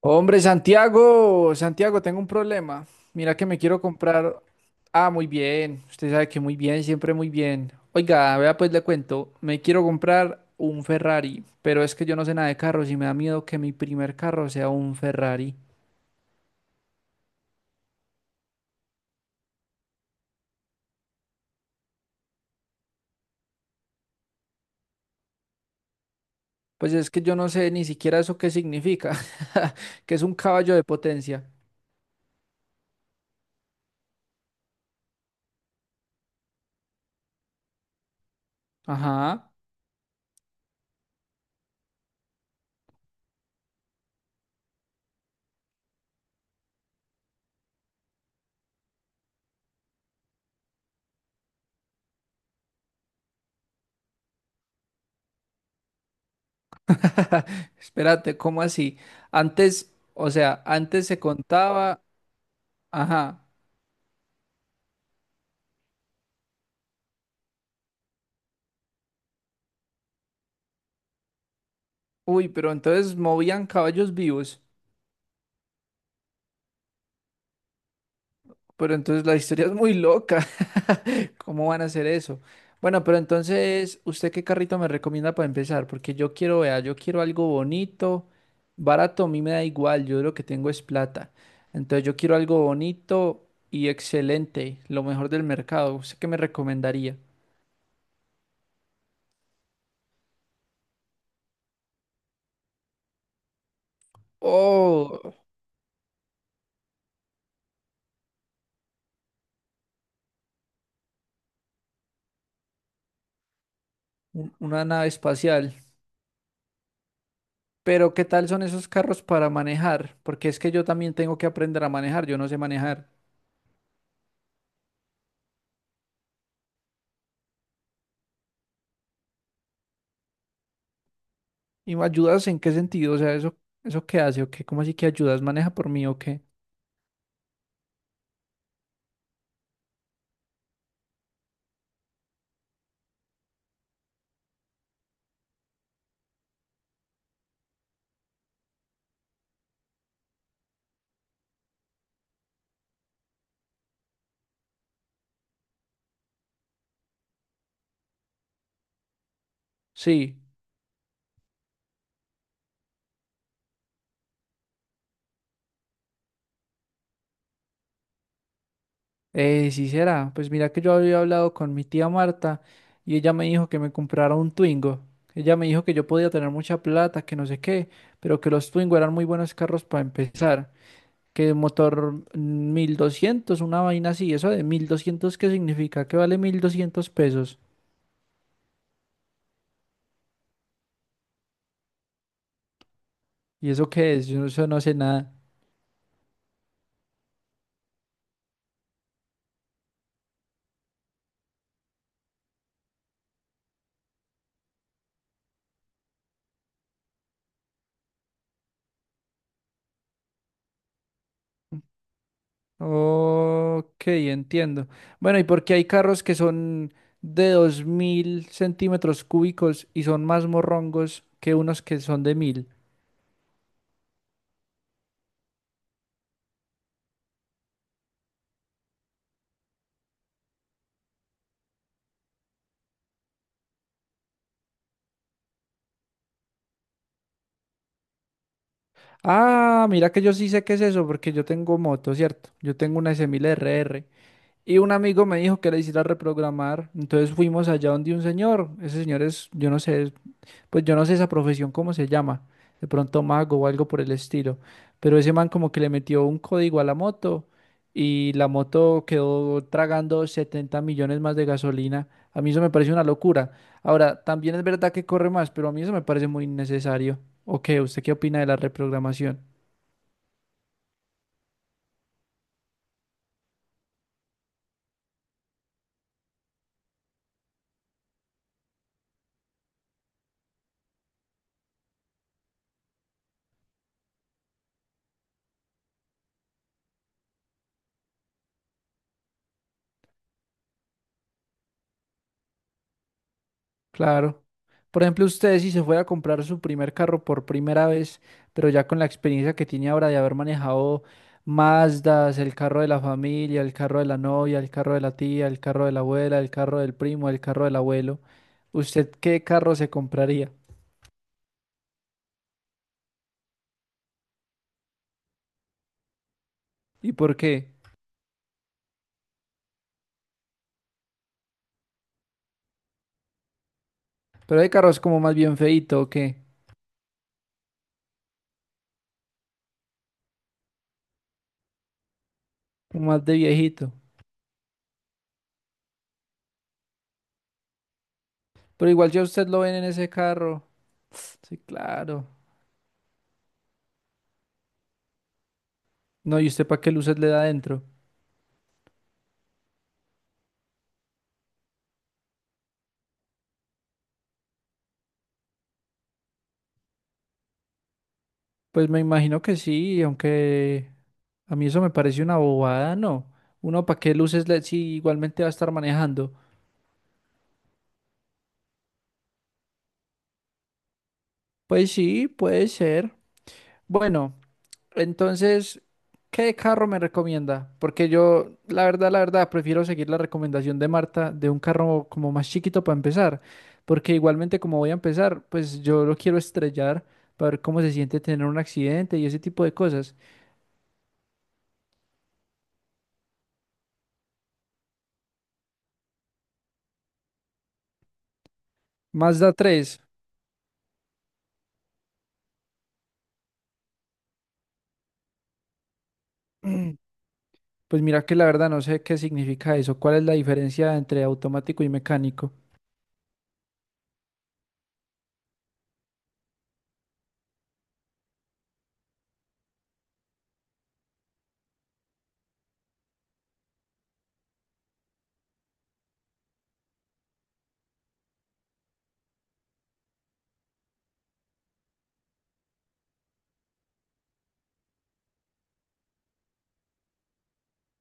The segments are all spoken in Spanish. Hombre, Santiago, Santiago, tengo un problema. Mira que me quiero comprar. Ah, muy bien. Usted sabe que muy bien, siempre muy bien. Oiga, vea, pues le cuento. Me quiero comprar un Ferrari, pero es que yo no sé nada de carros y me da miedo que mi primer carro sea un Ferrari. Pues es que yo no sé ni siquiera eso qué significa, que es un caballo de potencia. Ajá. Espérate, ¿cómo así? Antes, o sea, antes se contaba. Ajá. Uy, pero entonces movían caballos vivos. Pero entonces la historia es muy loca. ¿Cómo van a hacer eso? Bueno, pero entonces, ¿usted qué carrito me recomienda para empezar? Porque yo quiero, vea, yo quiero algo bonito, barato, a mí me da igual, yo lo que tengo es plata. Entonces yo quiero algo bonito y excelente, lo mejor del mercado. ¿Usted qué me recomendaría? Oh, una nave espacial. Pero ¿qué tal son esos carros para manejar? Porque es que yo también tengo que aprender a manejar, yo no sé manejar. ¿Y me ayudas en qué sentido? O sea, ¿eso, eso qué hace o qué? ¿Cómo así que ayudas? ¿Maneja por mí o qué? Sí, sí será. Pues mira que yo había hablado con mi tía Marta y ella me dijo que me comprara un Twingo. Ella me dijo que yo podía tener mucha plata, que no sé qué, pero que los Twingo eran muy buenos carros para empezar. Que motor 1.200, una vaina así. ¿Eso de 1.200, qué significa? Que vale 1.200 pesos. ¿Y eso qué es? Yo no, eso no sé nada. Ok, entiendo. Bueno, ¿y por qué hay carros que son de 2.000 centímetros cúbicos y son más morrongos que unos que son de mil? Ah, mira que yo sí sé qué es eso, porque yo tengo moto, ¿cierto? Yo tengo una S1000RR. Y un amigo me dijo que la hiciera reprogramar. Entonces fuimos allá donde un señor. Ese señor es, yo no sé. Pues yo no sé esa profesión cómo se llama, de pronto mago o algo por el estilo, pero ese man como que le metió un código a la moto y la moto quedó tragando 70 millones más de gasolina. A mí eso me parece una locura. Ahora, también es verdad que corre más, pero a mí eso me parece muy innecesario. ¿O qué? ¿Usted qué opina de la reprogramación? Claro. Por ejemplo, usted si se fuera a comprar su primer carro por primera vez, pero ya con la experiencia que tiene ahora de haber manejado Mazdas, el carro de la familia, el carro de la novia, el carro de la tía, el carro de la abuela, el carro del primo, el carro del abuelo, ¿usted qué carro se compraría? ¿Y por qué? Pero hay carros como más bien feíto o qué, como más de viejito. Pero igual ya usted lo ven en ese carro. Sí, claro. No, ¿y usted para qué luces le da adentro? Pues me imagino que sí, aunque a mí eso me parece una bobada, ¿no? Uno, ¿para qué luces LED si igualmente va a estar manejando? Pues sí, puede ser. Bueno, entonces, ¿qué carro me recomienda? Porque yo, la verdad, prefiero seguir la recomendación de Marta de un carro como más chiquito para empezar. Porque igualmente como voy a empezar, pues yo lo quiero estrellar para ver cómo se siente tener un accidente y ese tipo de cosas. Mazda tres. Pues mira que la verdad no sé qué significa eso. ¿Cuál es la diferencia entre automático y mecánico?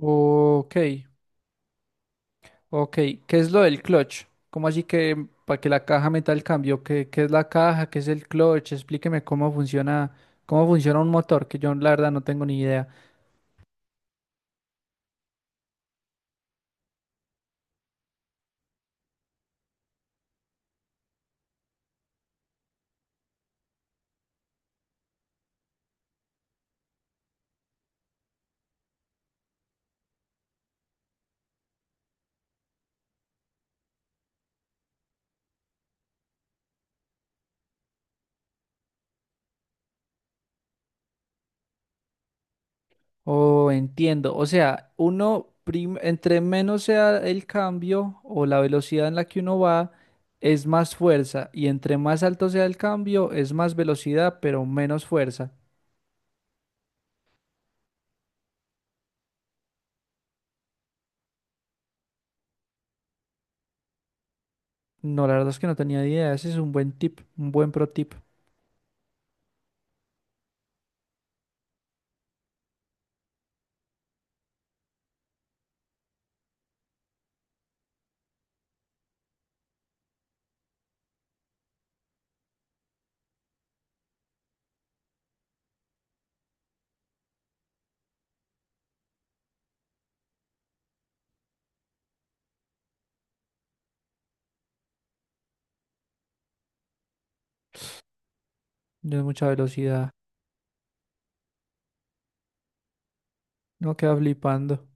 Ok, ok. ¿Qué es lo del clutch? ¿Cómo así que para que la caja meta el cambio? ¿Qué es la caja? ¿Qué es el clutch? Explíqueme cómo funciona un motor, que yo la verdad no tengo ni idea. Oh, entiendo. O sea, entre menos sea el cambio o la velocidad en la que uno va, es más fuerza. Y entre más alto sea el cambio, es más velocidad, pero menos fuerza. No, la verdad es que no tenía ni idea. Ese es un buen tip, un buen pro tip. No es mucha velocidad. No queda flipando.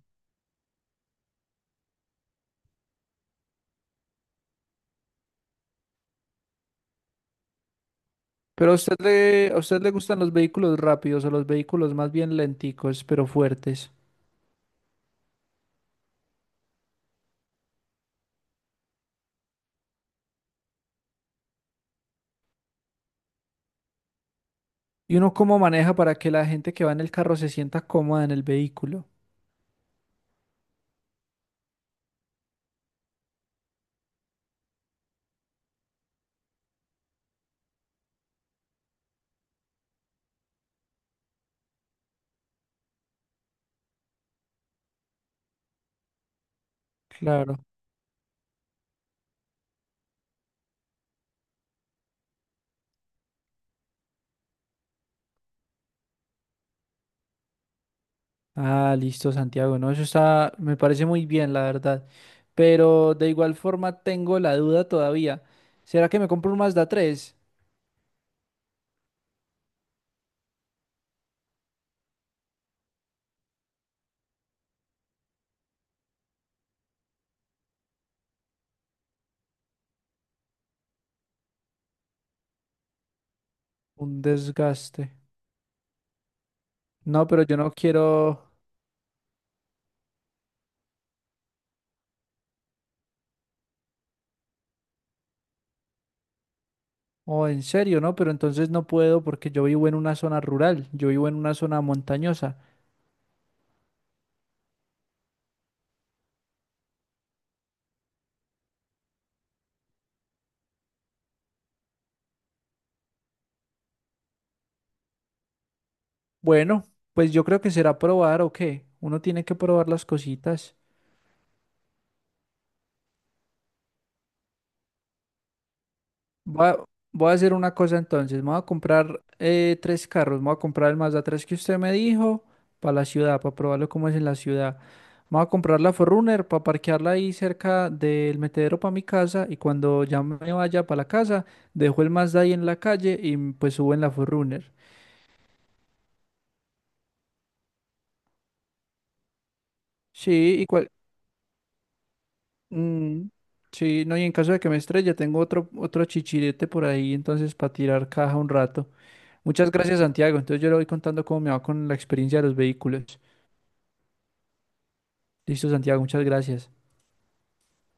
Pero a usted le gustan los vehículos rápidos o los vehículos más bien lenticos, pero fuertes. ¿Y uno cómo maneja para que la gente que va en el carro se sienta cómoda en el vehículo? Claro. Ah, listo, Santiago. No, eso está, me parece muy bien, la verdad. Pero de igual forma tengo la duda todavía. ¿Será que me compro un Mazda tres? Un desgaste. No, pero yo no quiero. Oh, en serio, ¿no? Pero entonces no puedo porque yo vivo en una zona rural, yo vivo en una zona montañosa. Bueno, pues yo creo que será probar o qué. Uno tiene que probar las cositas. Voy a, voy a hacer una cosa entonces. Me voy a comprar tres carros. Me voy a comprar el Mazda tres que usted me dijo para la ciudad, para probarlo cómo es en la ciudad. Me voy a comprar la Forerunner para parquearla ahí cerca del metedero para mi casa. Y cuando ya me vaya para la casa, dejo el Mazda ahí en la calle y pues subo en la Forerunner. Sí, ¿y cua- Mm, sí, no, y en caso de que me estrelle, tengo otro, otro chichirete por ahí, entonces para tirar caja un rato. Muchas gracias, Santiago. Entonces yo le voy contando cómo me va con la experiencia de los vehículos. Listo, Santiago, muchas gracias.